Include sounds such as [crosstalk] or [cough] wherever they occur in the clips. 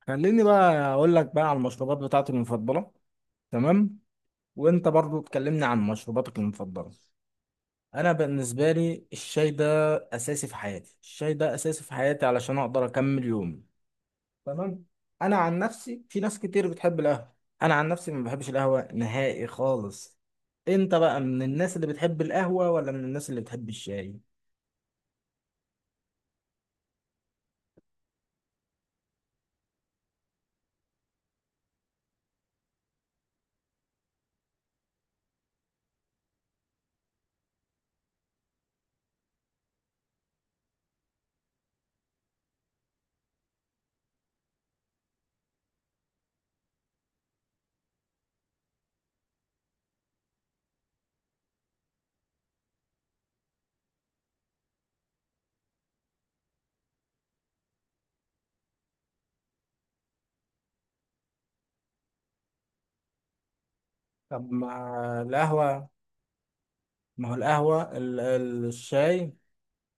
خليني بقى اقول لك بقى على المشروبات بتاعتي المفضله. تمام. وانت برضو تكلمني عن مشروباتك المفضله. انا بالنسبه لي الشاي ده اساسي في حياتي، الشاي ده اساسي في حياتي علشان اقدر اكمل يومي. تمام. انا عن نفسي في ناس كتير بتحب القهوه. انا عن نفسي ما بحبش القهوه نهائي خالص. انت بقى من الناس اللي بتحب القهوه ولا من الناس اللي بتحب الشاي؟ طب ما القهوه، ما هو القهوة الشاي.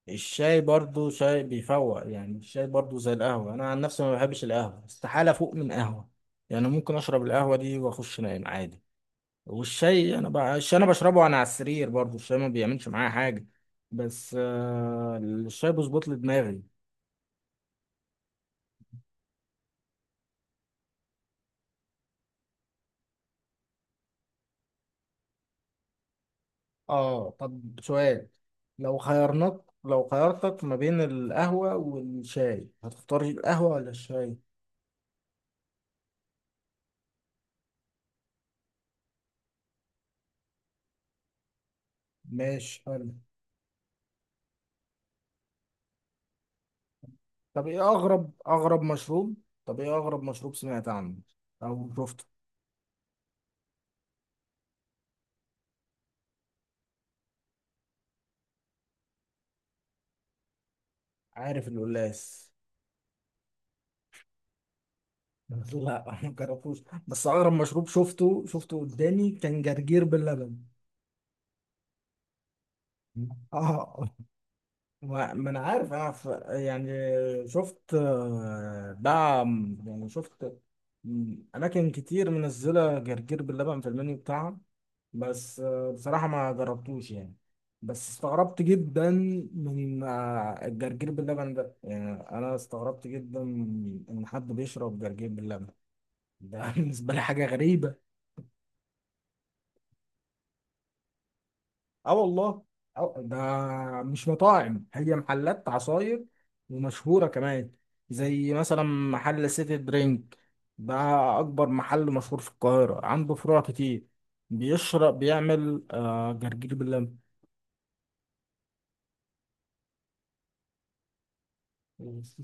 الشاي برضو شاي بيفوق، يعني الشاي برضو زي القهوة، أنا عن نفسي ما بحبش القهوة، استحالة فوق من قهوة. يعني ممكن أشرب القهوة دي وأخش نايم عادي. الشاي أنا بشربه وأنا على السرير، برضو الشاي ما بيعملش معايا حاجة. بس آه الشاي بيظبط لي دماغي. آه، طب سؤال. لو خيرتك ما بين القهوة والشاي هتختار القهوة ولا الشاي؟ ماشي حلو. طب ايه اغرب مشروب. طب ايه اغرب مشروب سمعت عنه او شفته. عارف القلاس؟ [laughs] لا ما جربتوش، بس اغرب مشروب شفته قدامي كان جرجير باللبن. اه، ما انا عارف، يعني شفت دعم، يعني شفت اماكن كتير منزله جرجير باللبن في المنيو بتاعها. بس بصراحه ما جربتوش يعني، بس استغربت جدا من الجرجير باللبن ده، يعني انا استغربت جدا ان حد بيشرب جرجير باللبن ده. [laughs] بالنسبه لي حاجه غريبه. اه والله. اه ده مش مطاعم، هي محلات عصاير ومشهورة كمان، زي مثلا محل سيتي درينك ده، أكبر محل مشهور في القاهرة، عنده فروع كتير. بيعمل جرجير باللبن.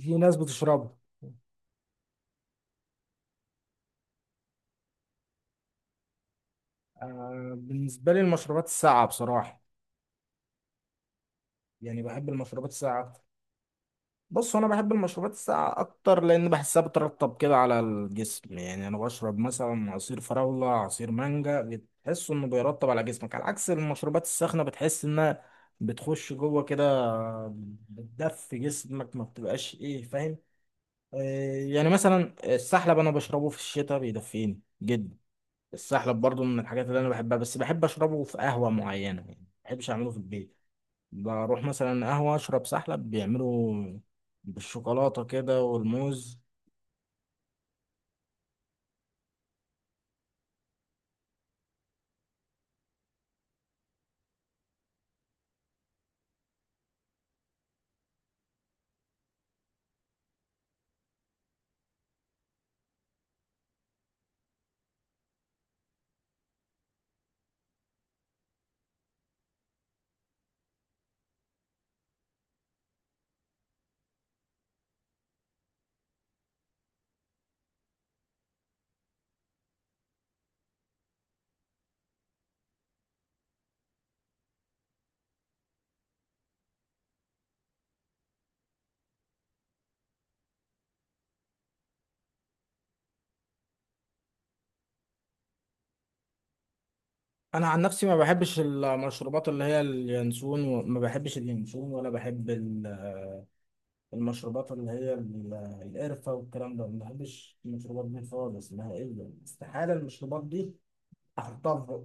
في ناس بتشربه. آه، بالنسبة لي المشروبات الساقعة بصراحة، يعني بحب المشروبات الساقعة. بص، انا بحب المشروبات الساقعه اكتر لان بحسها بترطب كده على الجسم، يعني انا بشرب مثلا عصير فراوله، عصير مانجا، بتحس انه بيرطب على جسمك، على عكس المشروبات الساخنه بتحس انها بتخش جوه كده، بتدفي جسمك، ما بتبقاش ايه فاهم. آه. يعني مثلا السحلب انا بشربه في الشتاء بيدفيني جدا. السحلب برضو من الحاجات اللي انا بحبها، بس بحب اشربه في قهوه معينه، يعني ما بحبش اعمله في البيت. بروح مثلا قهوة أشرب سحلب، بيعملوا بالشوكولاتة كده والموز. أنا عن نفسي ما بحبش المشروبات اللي هي اليانسون، وما بحبش اليانسون، ولا بحب المشروبات اللي هي القرفة والكلام ده، ما بحبش المشروبات دي خالص نهائيا، استحالة المشروبات دي أحطها في بقي.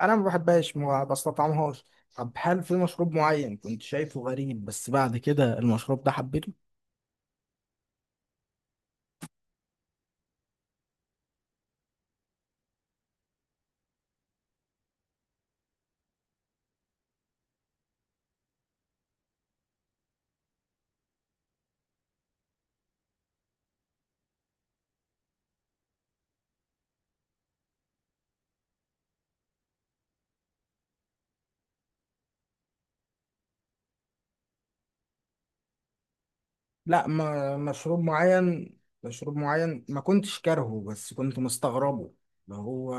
أنا ما بحبهاش، ما بستطعمهاش. طب هل في مشروب معين كنت شايفه غريب بس بعد كده المشروب ده حبيته؟ لا، ما مشروب معين، مشروب معين ما كنتش كارهه بس كنت مستغربه. اللي هو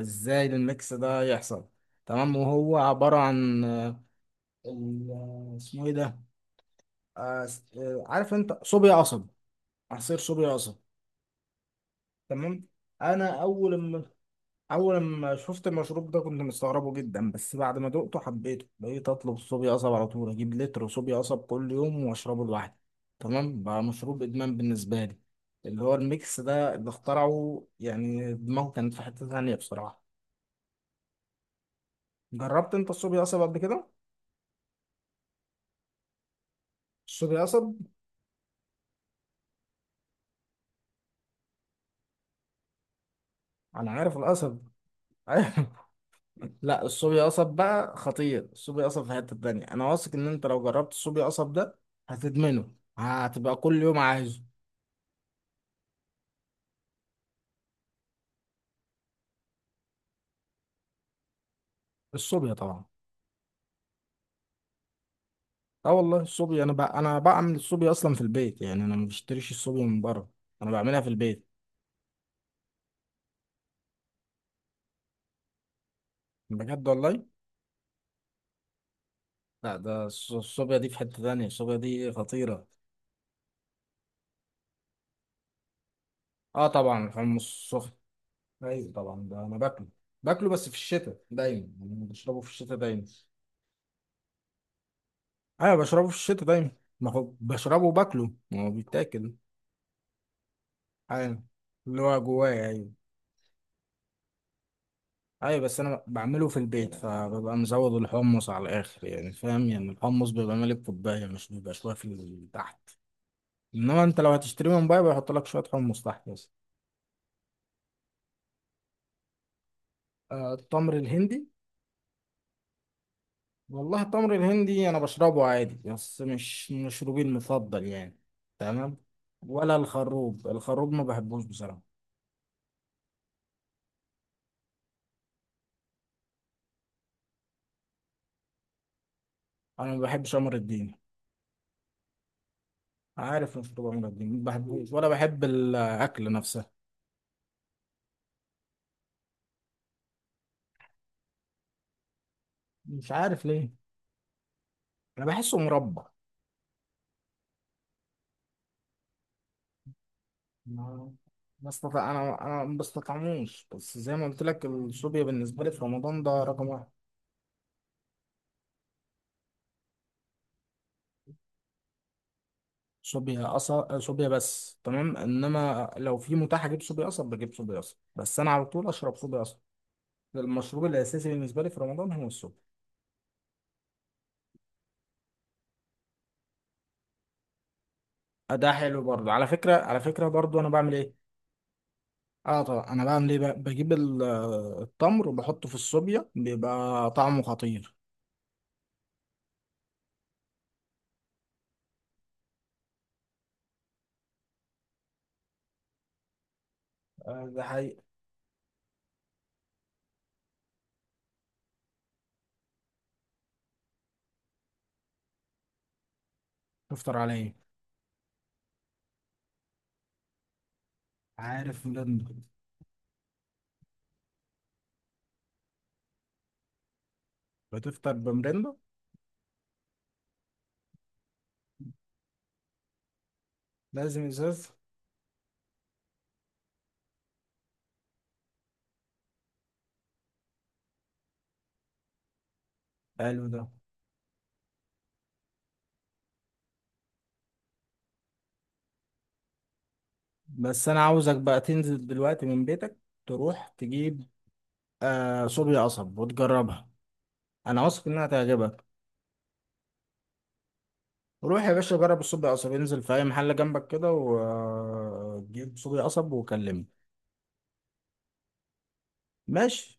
ازاي الميكس ده يحصل. تمام، وهو عبارة عن اسمه ايه ده، عارف انت صوبيا قصب، عصير صوبيا قصب. تمام. انا اول ما اول ما شفت المشروب ده كنت مستغربه جدا، بس بعد ما دقته حبيته، بقيت اطلب صوبيا قصب على طول، اجيب لتر صوبيا قصب كل يوم واشربه لوحدي. تمام، بقى مشروب ادمان بالنسبه لي، اللي هو الميكس ده اللي اخترعه، يعني دماغه كانت في حته ثانيه بصراحه. جربت انت الصوبيا قصب قبل كده؟ الصوبيا قصب انا عارف القصب. ايوه. [laughs] لا، الصوبيا قصب بقى خطير، الصوبيا قصب في حته ثانيه، انا واثق ان انت لو جربت الصوبيا قصب ده هتدمنه، هتبقى كل يوم عايزه. الصوبيا طبعا. اه والله الصوبيا، انا بقى بعمل الصوبيا اصلا في البيت، يعني انا ما بشتريش الصوبيا من بره، انا بعملها في البيت. بجد والله. لا، ده الصوبيا دي في حتة تانية، الصوبيا دي خطيرة. اه طبعا الحمص السخن. ايوه طبعا، ده انا باكله، باكله بس في الشتاء دايما، يعني بشربه في الشتاء دايما. ايوه بشربه في الشتاء دايما، ما هو بشربه وباكله، ما هو بيتاكل. ايوه، اللي هو جوايا، ايوه. ايوه بس انا بعمله في البيت فببقى مزود الحمص على الاخر، يعني فاهم، يعني الحمص بيبقى ملك كوبايه، مش بيبقى شويه في تحت. انما انت لو هتشتري من بره بيحط لك شويه حمص تحت بس. آه التمر الهندي. والله التمر الهندي انا بشربه عادي بس مش مشروبي المفضل يعني. تمام. ولا الخروب، الخروب ما بحبوش بصراحه. انا ما بحبش قمر الدين، عارف مشروب قمر الدين، ما بحبوش، ولا بحب الاكل نفسه، مش عارف ليه، انا بحسه مربى. ما ما استطع، انا ما بستطعموش، بس زي ما قلت لك الصوبيا بالنسبه لي في رمضان ده رقم واحد. صوبيا قصب، صوبيا بس، تمام، انما لو في متاح اجيب صوبيا قصب بجيب صوبيا قصب، بس انا على طول اشرب صوبيا قصب. المشروب الاساسي بالنسبه لي في رمضان هو الصوبيا. آه، ده حلو برضه، على فكره برضه انا بعمل ايه. اه طبعا انا بعمل ايه بقى؟ بجيب التمر وبحطه في الصوبيا بيبقى طعمه خطير. آه، ده حقيقي. تفطر على ايه؟ عارف مرند. بتفطر بمرندة؟ لازم ازاز. حلو ده. بس انا عاوزك بقى تنزل دلوقتي من بيتك، تروح تجيب آه صوبيا قصب وتجربها، انا واثق انها تعجبك. روح يا باشا، جرب الصوبيا قصب، انزل في اي محل جنبك كده وجيب صوبيا قصب وكلمني. ماشي.